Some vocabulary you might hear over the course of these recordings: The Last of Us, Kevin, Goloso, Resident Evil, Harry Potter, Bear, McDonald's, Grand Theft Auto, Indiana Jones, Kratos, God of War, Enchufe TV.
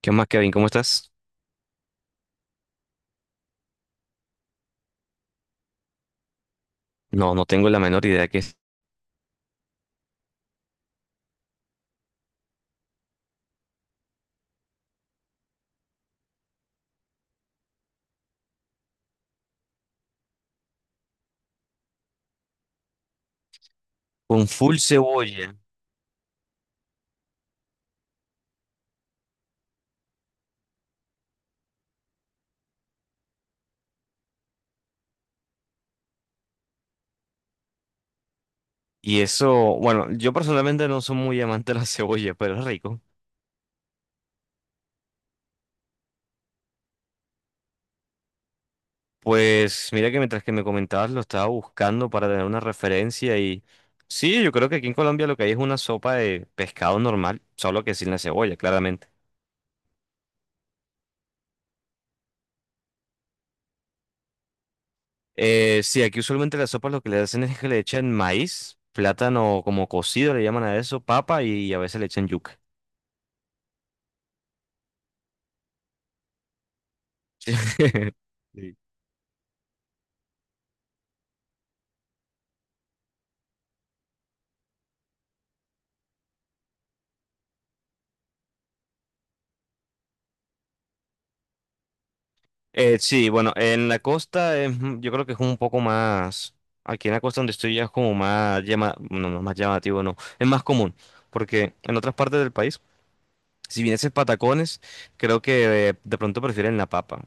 ¿Qué más, Kevin? ¿Cómo estás? No, no tengo la menor idea que es. Con full cebolla. Y eso, bueno, yo personalmente no soy muy amante de la cebolla, pero es rico. Pues mira que mientras que me comentabas lo estaba buscando para tener una referencia y sí, yo creo que aquí en Colombia lo que hay es una sopa de pescado normal, solo que sin la cebolla, claramente. Sí, aquí usualmente las sopas lo que le hacen es que le echan maíz, plátano como cocido, le llaman a eso, papa y a veces le echan yuca. Sí. Sí, bueno, en la costa yo creo que es un poco más, aquí en la costa donde estoy ya es como no, no más llamativo, no, es más común, porque en otras partes del país, si vienes en patacones, creo que de pronto prefieren la papa.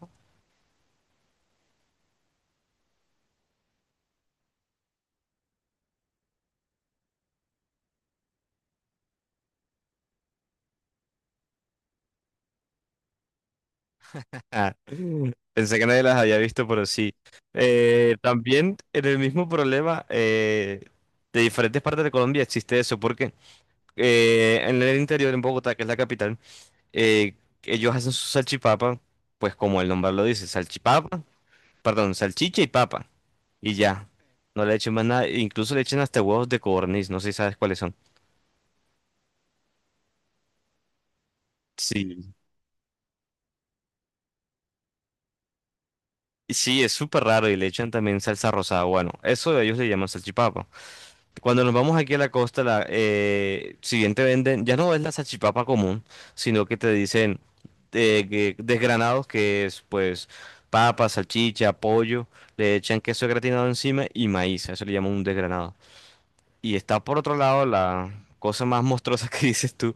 Ah, pensé que nadie las había visto, pero sí. También en el mismo problema de diferentes partes de Colombia existe eso, porque en el interior, en Bogotá, que es la capital, Eh, ellos hacen su salchipapa, pues como el nombre lo dice, salchipapa, perdón, salchicha y papa, y ya. No le echen más nada, incluso le echan hasta huevos de codorniz, no sé si sabes cuáles son. Sí. Sí, es súper raro y le echan también salsa rosada. Bueno, eso ellos le llaman salchipapa. Cuando nos vamos aquí a la costa, si bien te venden, ya no es la salchipapa común, sino que te dicen desgranados, que es pues papa, salchicha, pollo, le echan queso gratinado encima y maíz, a eso le llaman un desgranado. Y está por otro lado la cosa más monstruosa que dices tú,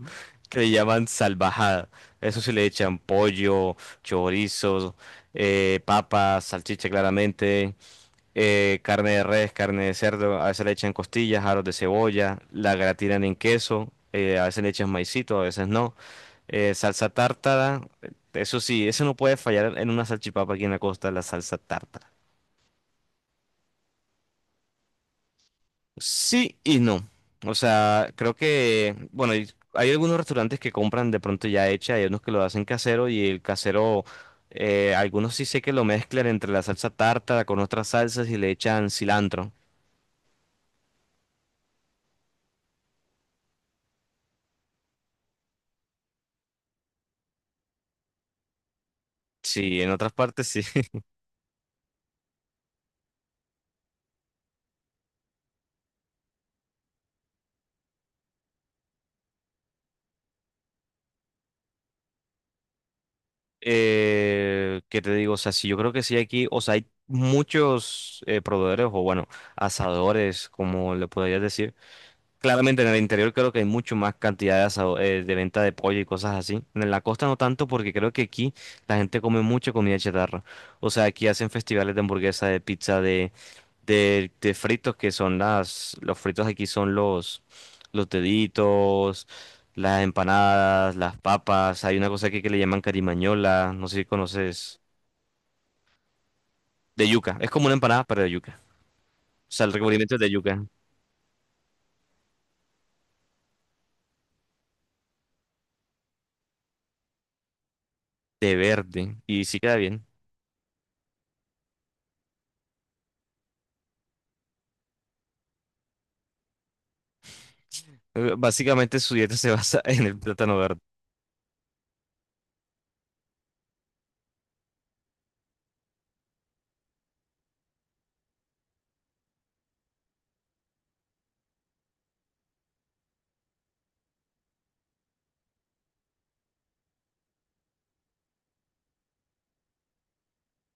que le llaman salvajada. Eso sí le echan pollo, chorizo, papa, salchicha claramente carne de res, carne de cerdo, a veces le echan costillas, aros de cebolla, la gratinan en queso, a veces le echan maicito, a veces no, salsa tártara, eso sí, eso no puede fallar en una salchipapa aquí en la costa, la salsa tártara. Sí y no, o sea, creo que, bueno, y hay algunos restaurantes que compran de pronto ya hecha, hay unos que lo hacen casero y el casero... algunos sí sé que lo mezclan entre la salsa tártara con otras salsas y le echan cilantro. Sí, en otras partes sí. ¿Qué te digo? O sea, sí, yo creo que sí aquí, o sea, hay muchos proveedores o bueno, asadores, como le podrías decir. Claramente en el interior creo que hay mucho más cantidad de venta de pollo y cosas así. En la costa no tanto porque creo que aquí la gente come mucha comida chatarra. O sea, aquí hacen festivales de hamburguesa, de pizza, de fritos que son las, los fritos aquí son los deditos, las empanadas, las papas, hay una cosa aquí que le llaman carimañola, no sé si conoces, de yuca, es como una empanada pero de yuca, o sea, el recubrimiento es de yuca, de verde, y sí queda bien. Básicamente su dieta se basa en el plátano verde.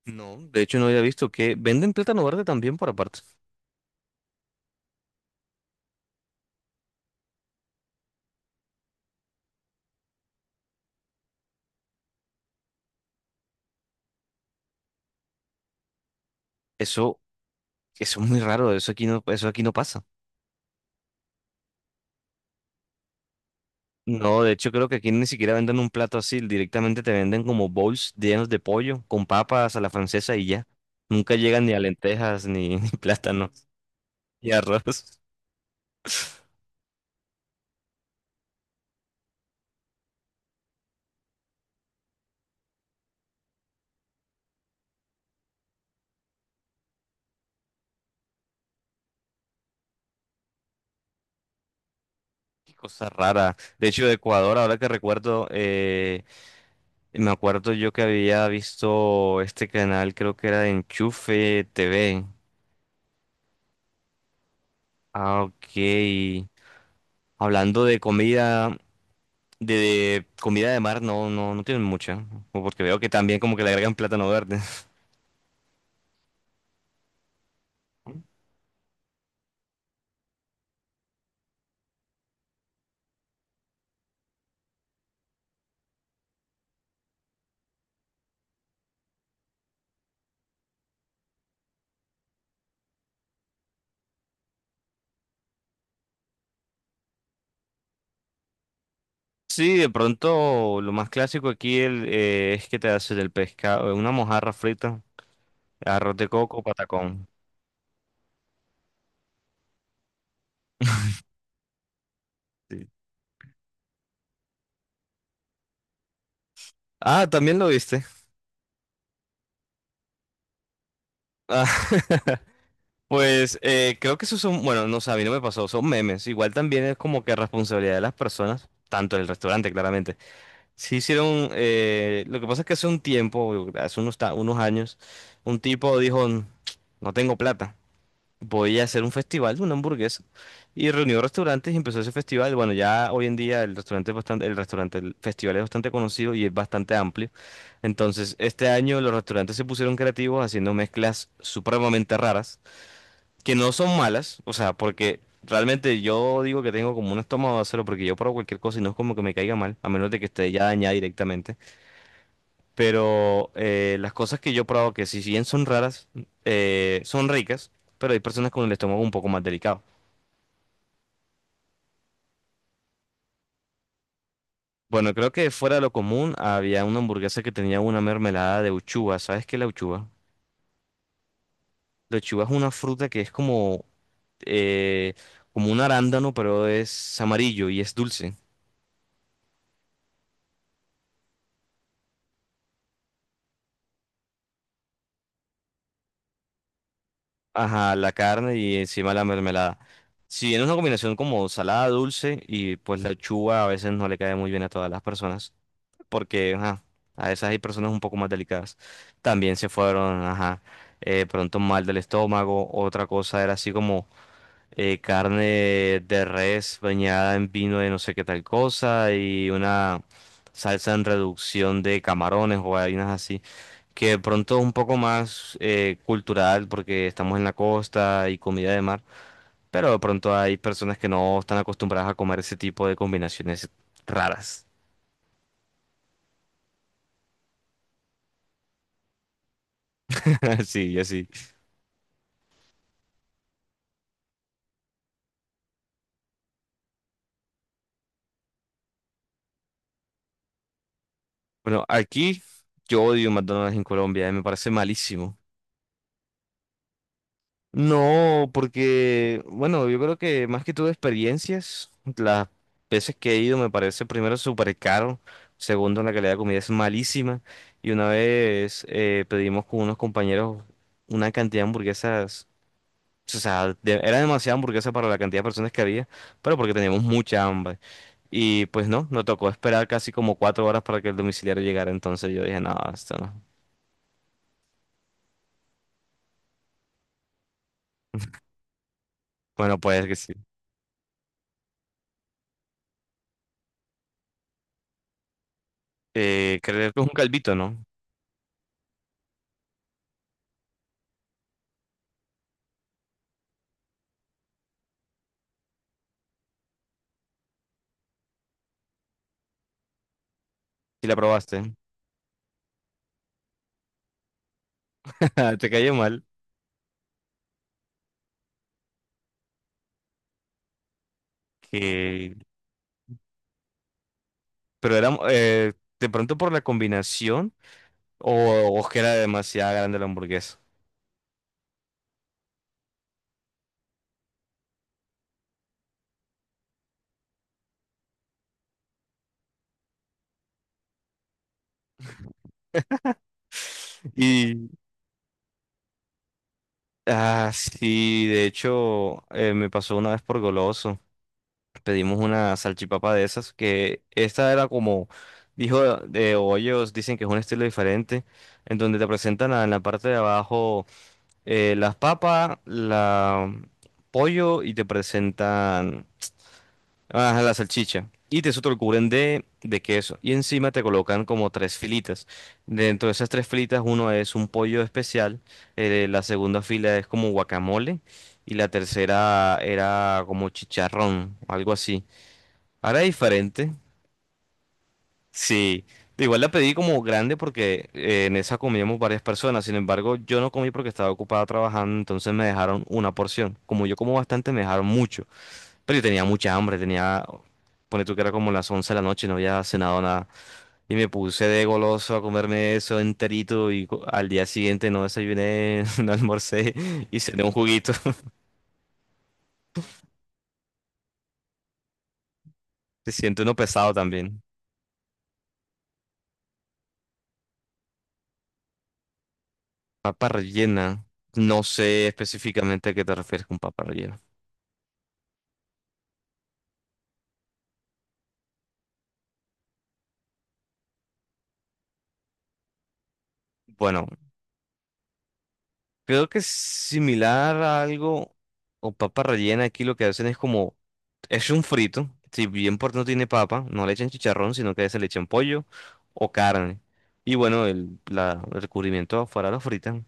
No, de hecho no había visto que venden plátano verde también por aparte. Eso, eso es muy raro, eso aquí no pasa. No, de hecho creo que aquí ni siquiera venden un plato así, directamente te venden como bowls llenos de pollo, con papas a la francesa y ya. Nunca llegan ni a lentejas, ni, ni plátanos, ni arroz. Qué cosa rara. De hecho, de Ecuador, ahora que recuerdo, me acuerdo yo que había visto este canal, creo que era de Enchufe TV. Ah, ok. Hablando de comida, de comida de mar, no, no, no tienen mucha. Porque veo que también como que le agregan plátano verde. Sí, de pronto lo más clásico aquí es que te haces del pescado, una mojarra frita, arroz de coco, patacón. Sí. Ah, también lo viste. Ah, pues creo que esos son, bueno, no sé, a mí no me pasó, son memes. Igual también es como que responsabilidad de las personas, tanto del restaurante, claramente. Sí hicieron, lo que pasa es que hace un tiempo, hace unos años, un tipo dijo, no tengo plata. Voy a hacer un festival de una hamburguesa. Y reunió restaurantes y empezó ese festival. Bueno, ya hoy en día el restaurante es bastante, el restaurante, el festival es bastante conocido y es bastante amplio. Entonces, este año los restaurantes se pusieron creativos haciendo mezclas supremamente raras, que no son malas, o sea, porque realmente yo digo que tengo como un estómago de acero porque yo pruebo cualquier cosa y no es como que me caiga mal, a menos de que esté ya dañada directamente. Pero las cosas que yo he probado, que si bien son raras, son ricas, pero hay personas con el estómago un poco más delicado. Bueno, creo que fuera de lo común había una hamburguesa que tenía una mermelada de uchuva. ¿Sabes qué es la uchuva? La uchuva es una fruta que es eh, como un arándano, pero es amarillo y es dulce. Ajá, la carne y encima la mermelada. Si bien es una combinación como salada, dulce, y pues la uchuva a veces no le cae muy bien a todas las personas. Porque ajá, a veces hay personas un poco más delicadas. También se fueron, ajá, pronto mal del estómago. Otra cosa era así como carne de res bañada en vino de no sé qué tal cosa y una salsa en reducción de camarones o vainas así. Que de pronto es un poco más cultural porque estamos en la costa y comida de mar. Pero de pronto hay personas que no están acostumbradas a comer ese tipo de combinaciones raras. Sí, y así. Bueno, aquí yo odio McDonald's en Colombia, me parece malísimo. No, porque, bueno, yo creo que más que todo experiencias, las veces que he ido me parece primero súper caro, segundo la calidad de comida es malísima y una vez pedimos con unos compañeros una cantidad de hamburguesas, o sea, era demasiada hamburguesa para la cantidad de personas que había, pero porque teníamos mucha hambre y pues no, nos tocó esperar casi como 4 horas para que el domiciliario llegara, entonces yo dije, no, esto no. Bueno, pues que sí. Creo que es un calvito, ¿no? Si la probaste. Te cayó mal. Que... Pero era de pronto por la combinación o que era demasiado grande la hamburguesa. Y ah, sí, de hecho, me pasó una vez por Goloso. Pedimos una salchipapa de esas, que esta era como, dijo, de o ellos dicen que es un estilo diferente, en donde te presentan en la parte de abajo. Las papas, la pollo y te presentan ah, la salchicha. Y te eso te lo cubren de queso. Y encima te colocan como tres filitas. Dentro de esas tres filitas, uno es un pollo especial, la segunda fila es como guacamole y la tercera era como chicharrón, algo así. Ahora es diferente, sí, igual la pedí como grande porque en esa comíamos varias personas. Sin embargo, yo no comí porque estaba ocupada trabajando, entonces me dejaron una porción. Como yo como bastante, me dejaron mucho. Pero yo tenía mucha hambre, tenía, pone tú que era como las 11 de la noche, no había cenado nada. Y me puse de goloso a comerme eso enterito y al día siguiente no desayuné, no almorcé y cené un juguito. Se siente uno pesado también. Papa rellena. No sé específicamente a qué te refieres con papa rellena. Bueno. Creo que es similar a algo, o papa rellena, aquí lo que hacen es como, es un frito, si bien por no tiene papa, no le echan chicharrón, sino que se le echan pollo o carne. Y bueno, el recubrimiento afuera lo fritan.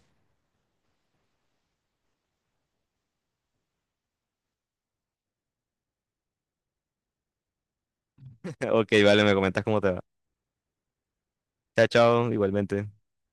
Ok, vale, me comentas cómo te va. Chao, chao, igualmente.